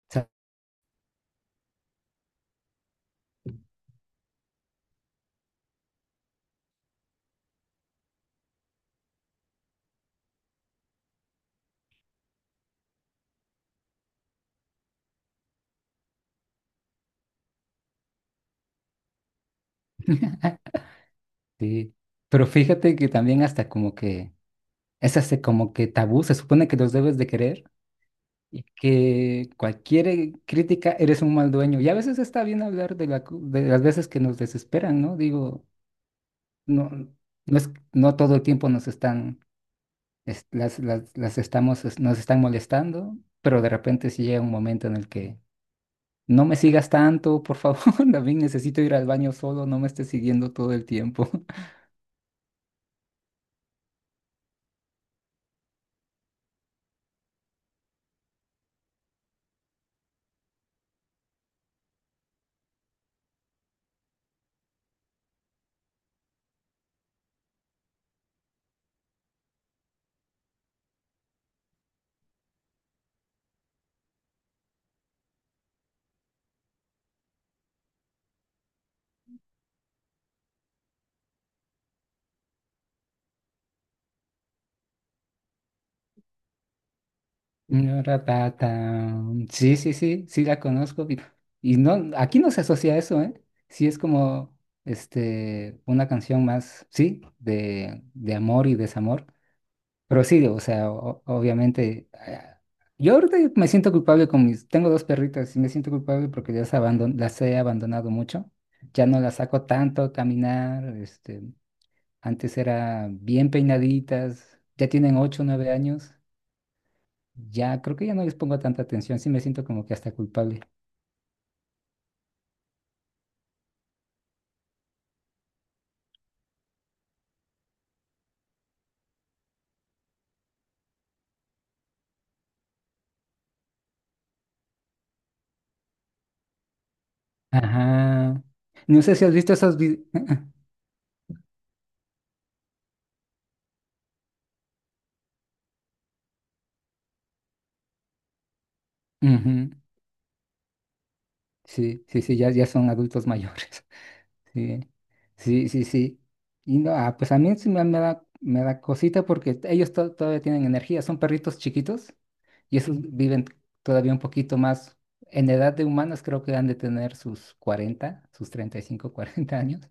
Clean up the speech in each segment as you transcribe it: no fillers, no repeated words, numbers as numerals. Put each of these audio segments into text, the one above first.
Sí, pero fíjate que también hasta como que es hasta como que tabú, se supone que los debes de querer y que cualquier crítica eres un mal dueño. Y a veces está bien hablar de, de las veces que nos desesperan, ¿no? Digo, no, no todo el tiempo nos están, las estamos, nos están molestando, pero de repente sí llega un momento en el que no me sigas tanto, por favor, también necesito ir al baño solo, no me estés siguiendo todo el tiempo. No Ñoratata. Sí, sí, sí, sí la conozco. Y no, aquí no se asocia a eso, ¿eh? Sí es como este, una canción más, sí, de amor y desamor. Pero sí, o sea, obviamente, yo ahorita me siento culpable con mis. Tengo dos perritas y me siento culpable porque las, las he abandonado mucho. Ya no las saco tanto a caminar. Este, antes era bien peinaditas. Ya tienen 8, 9 años. Ya, creo que ya no les pongo tanta atención, sí me siento como que hasta culpable. Ajá. No sé si has visto esos videos. Sí, sí, sí, ya, ya son adultos mayores. Sí, sí, sí, sí. Y no, ah, pues a mí sí me da cosita porque ellos todavía tienen energía, son perritos chiquitos y esos viven todavía un poquito más. En edad de humanos creo que han de tener sus 40, sus 35, 40 años.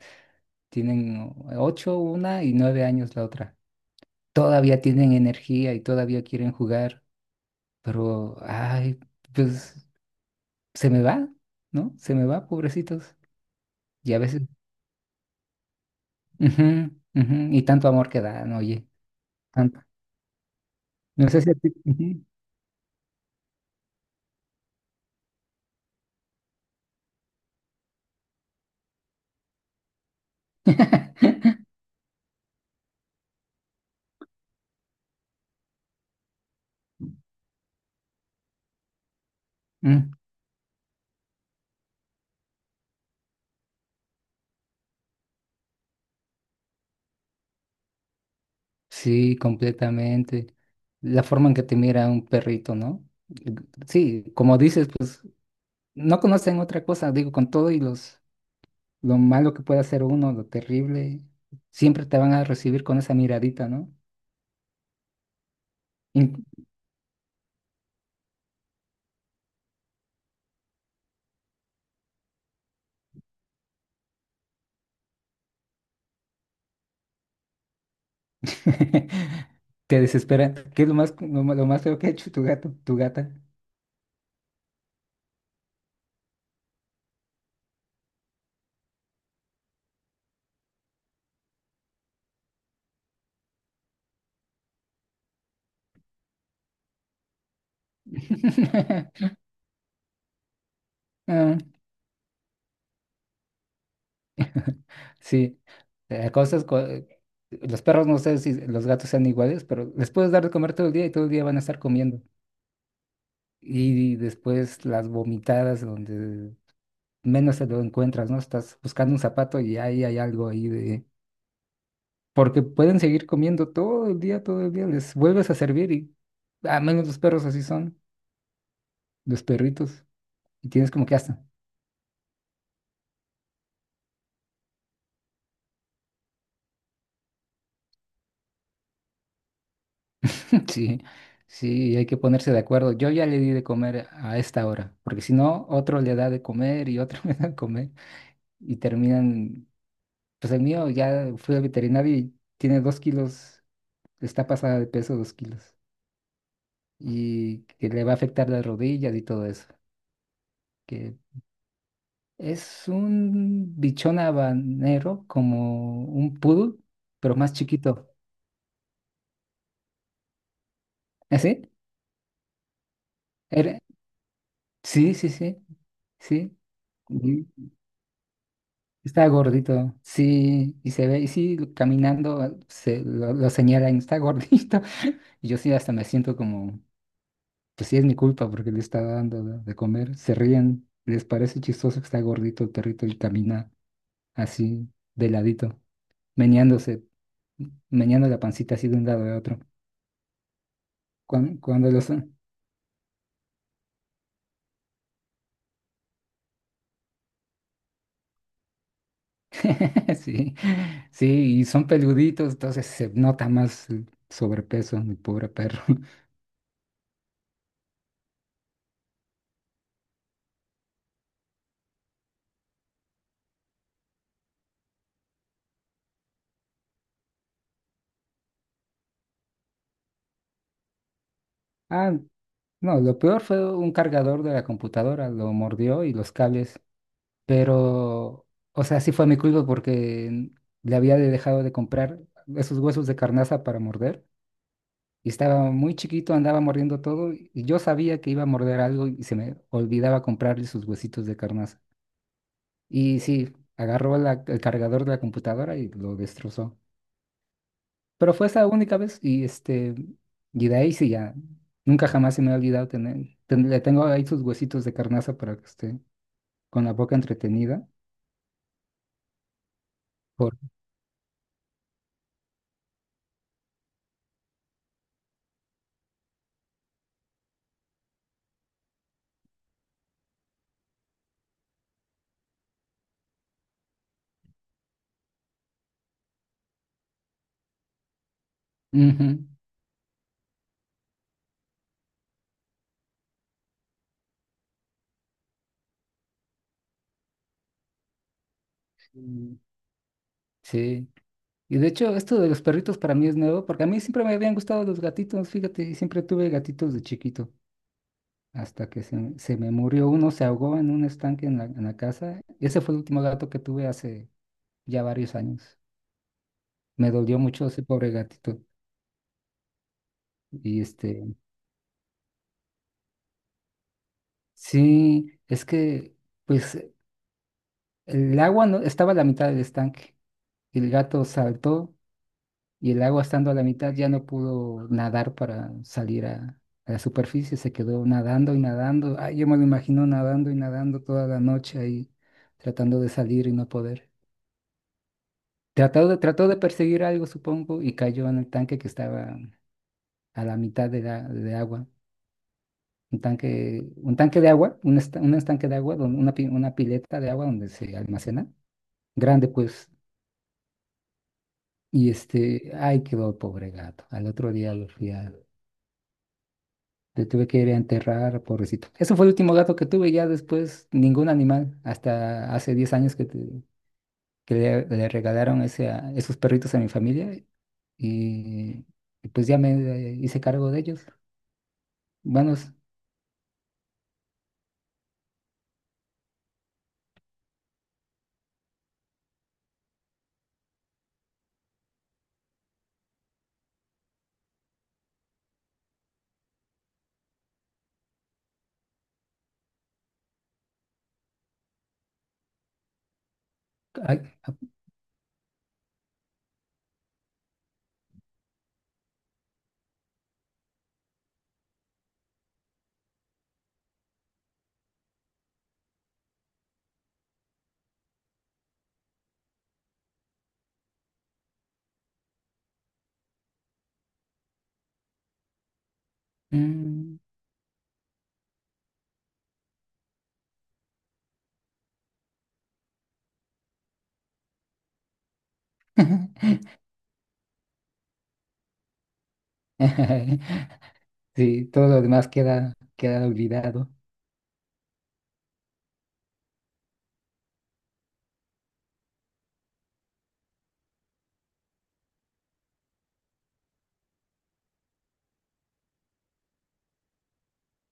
Tienen 8, una y 9 años la otra. Todavía tienen energía y todavía quieren jugar, pero, ay, pues se me va, ¿no? Se me va, pobrecitos. Y a veces, ujú, ujú, y tanto amor que dan, oye, tanto. No sé si a ti, ujú. Mm. Sí, completamente. La forma en que te mira un perrito, ¿no? Sí, como dices, pues no conocen otra cosa, digo, con todo y los, lo malo que pueda hacer uno, lo terrible, siempre te van a recibir con esa miradita, ¿no? Te desespera. ¿Qué es lo más, lo más feo que ha hecho tu gato, tu gata? Ah. Sí, cosas, los perros no sé si los gatos sean iguales, pero les puedes dar de comer todo el día y todo el día van a estar comiendo. Y después las vomitadas donde menos te lo encuentras, ¿no? Estás buscando un zapato y ahí hay algo ahí de... Porque pueden seguir comiendo todo el día, les vuelves a servir y a menos los perros así son, los perritos. Y tienes como que hasta. Sí, sí, hay que ponerse de acuerdo. Yo ya le di de comer a esta hora, porque si no, otro le da de comer y otro le da de comer. Y terminan, pues el mío ya fui al veterinario y tiene 2 kilos, está pasada de peso 2 kilos. Y que le va a afectar las rodillas y todo eso. Que es un bichón habanero, como un poodle, pero más chiquito. ¿Así? Era, sí, sí, sí. Sí. Está gordito, sí, y se ve, y sí, caminando se lo señalan, está gordito. Y yo sí hasta me siento como, pues sí es mi culpa porque le estaba dando de comer. Se ríen, les parece chistoso que está gordito el perrito y camina así, de ladito, meneándose, meneando la pancita así de un lado a otro. Cuando los... Sí, sí, y son peluditos, entonces se nota más el sobrepeso, mi pobre perro. Ah. No, lo peor fue un cargador de la computadora, lo mordió y los cables, pero, o sea, sí fue mi culpa porque dejado de comprar esos huesos de carnaza para morder y estaba muy chiquito, andaba mordiendo todo y yo sabía que iba a morder algo y se me olvidaba comprarle sus huesitos de carnaza. Y sí, el cargador de la computadora y lo destrozó. Pero fue esa única vez y este, y de ahí sí ya, nunca jamás se me ha olvidado tener, le tengo ahí sus huesitos de carnaza para que esté con la boca entretenida. Por... Ujú. Mm. Sí. Y de hecho, esto de los perritos para mí es nuevo, porque a mí siempre me habían gustado los gatitos, fíjate, y siempre tuve gatitos de chiquito, hasta que se me murió uno, se ahogó en un estanque en la casa. Ese fue el último gato que tuve hace ya varios años. Me dolió mucho ese pobre gatito. Y este, sí, es que pues el agua no estaba a la mitad del estanque. El gato saltó y el agua estando a la mitad ya no pudo nadar para salir a la superficie. Se quedó nadando y nadando. Ay, yo me lo imagino nadando y nadando toda la noche ahí, tratando de salir y no poder. Trató de perseguir algo, supongo, y cayó en el tanque que estaba a la mitad de agua. Un tanque de agua, un, un estanque de agua, una, una pileta de agua donde se almacena, grande, pues, y este, ay, quedó el pobre gato. Al otro día le tuve que ir a enterrar, pobrecito. Ese fue el último gato que tuve, ya después ningún animal, hasta hace 10 años que, le regalaron ese, esos perritos a mi familia y, y pues ya me hice cargo de ellos. Bueno, es, ay, ah, mm. Sí, todo lo demás queda, queda olvidado.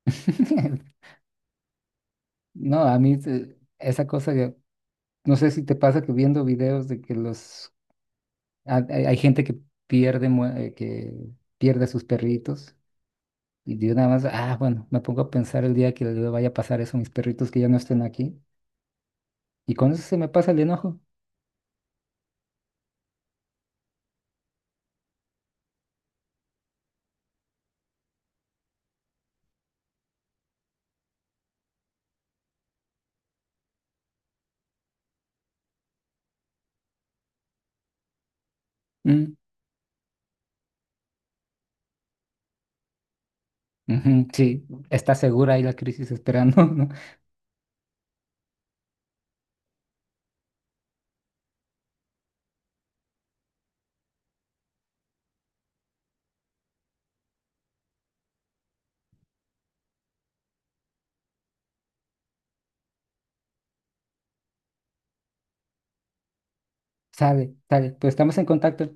No, a mí esa cosa, no sé si te pasa que viendo videos de que los hay, hay gente que que pierde a sus perritos y yo nada más, ah, bueno, me pongo a pensar el día que le vaya a pasar eso a mis perritos que ya no estén aquí y con eso se me pasa el enojo. Mm, ujú, sí, está segura ahí la crisis esperando, ¿no? Sale, sale, pues estamos en contacto.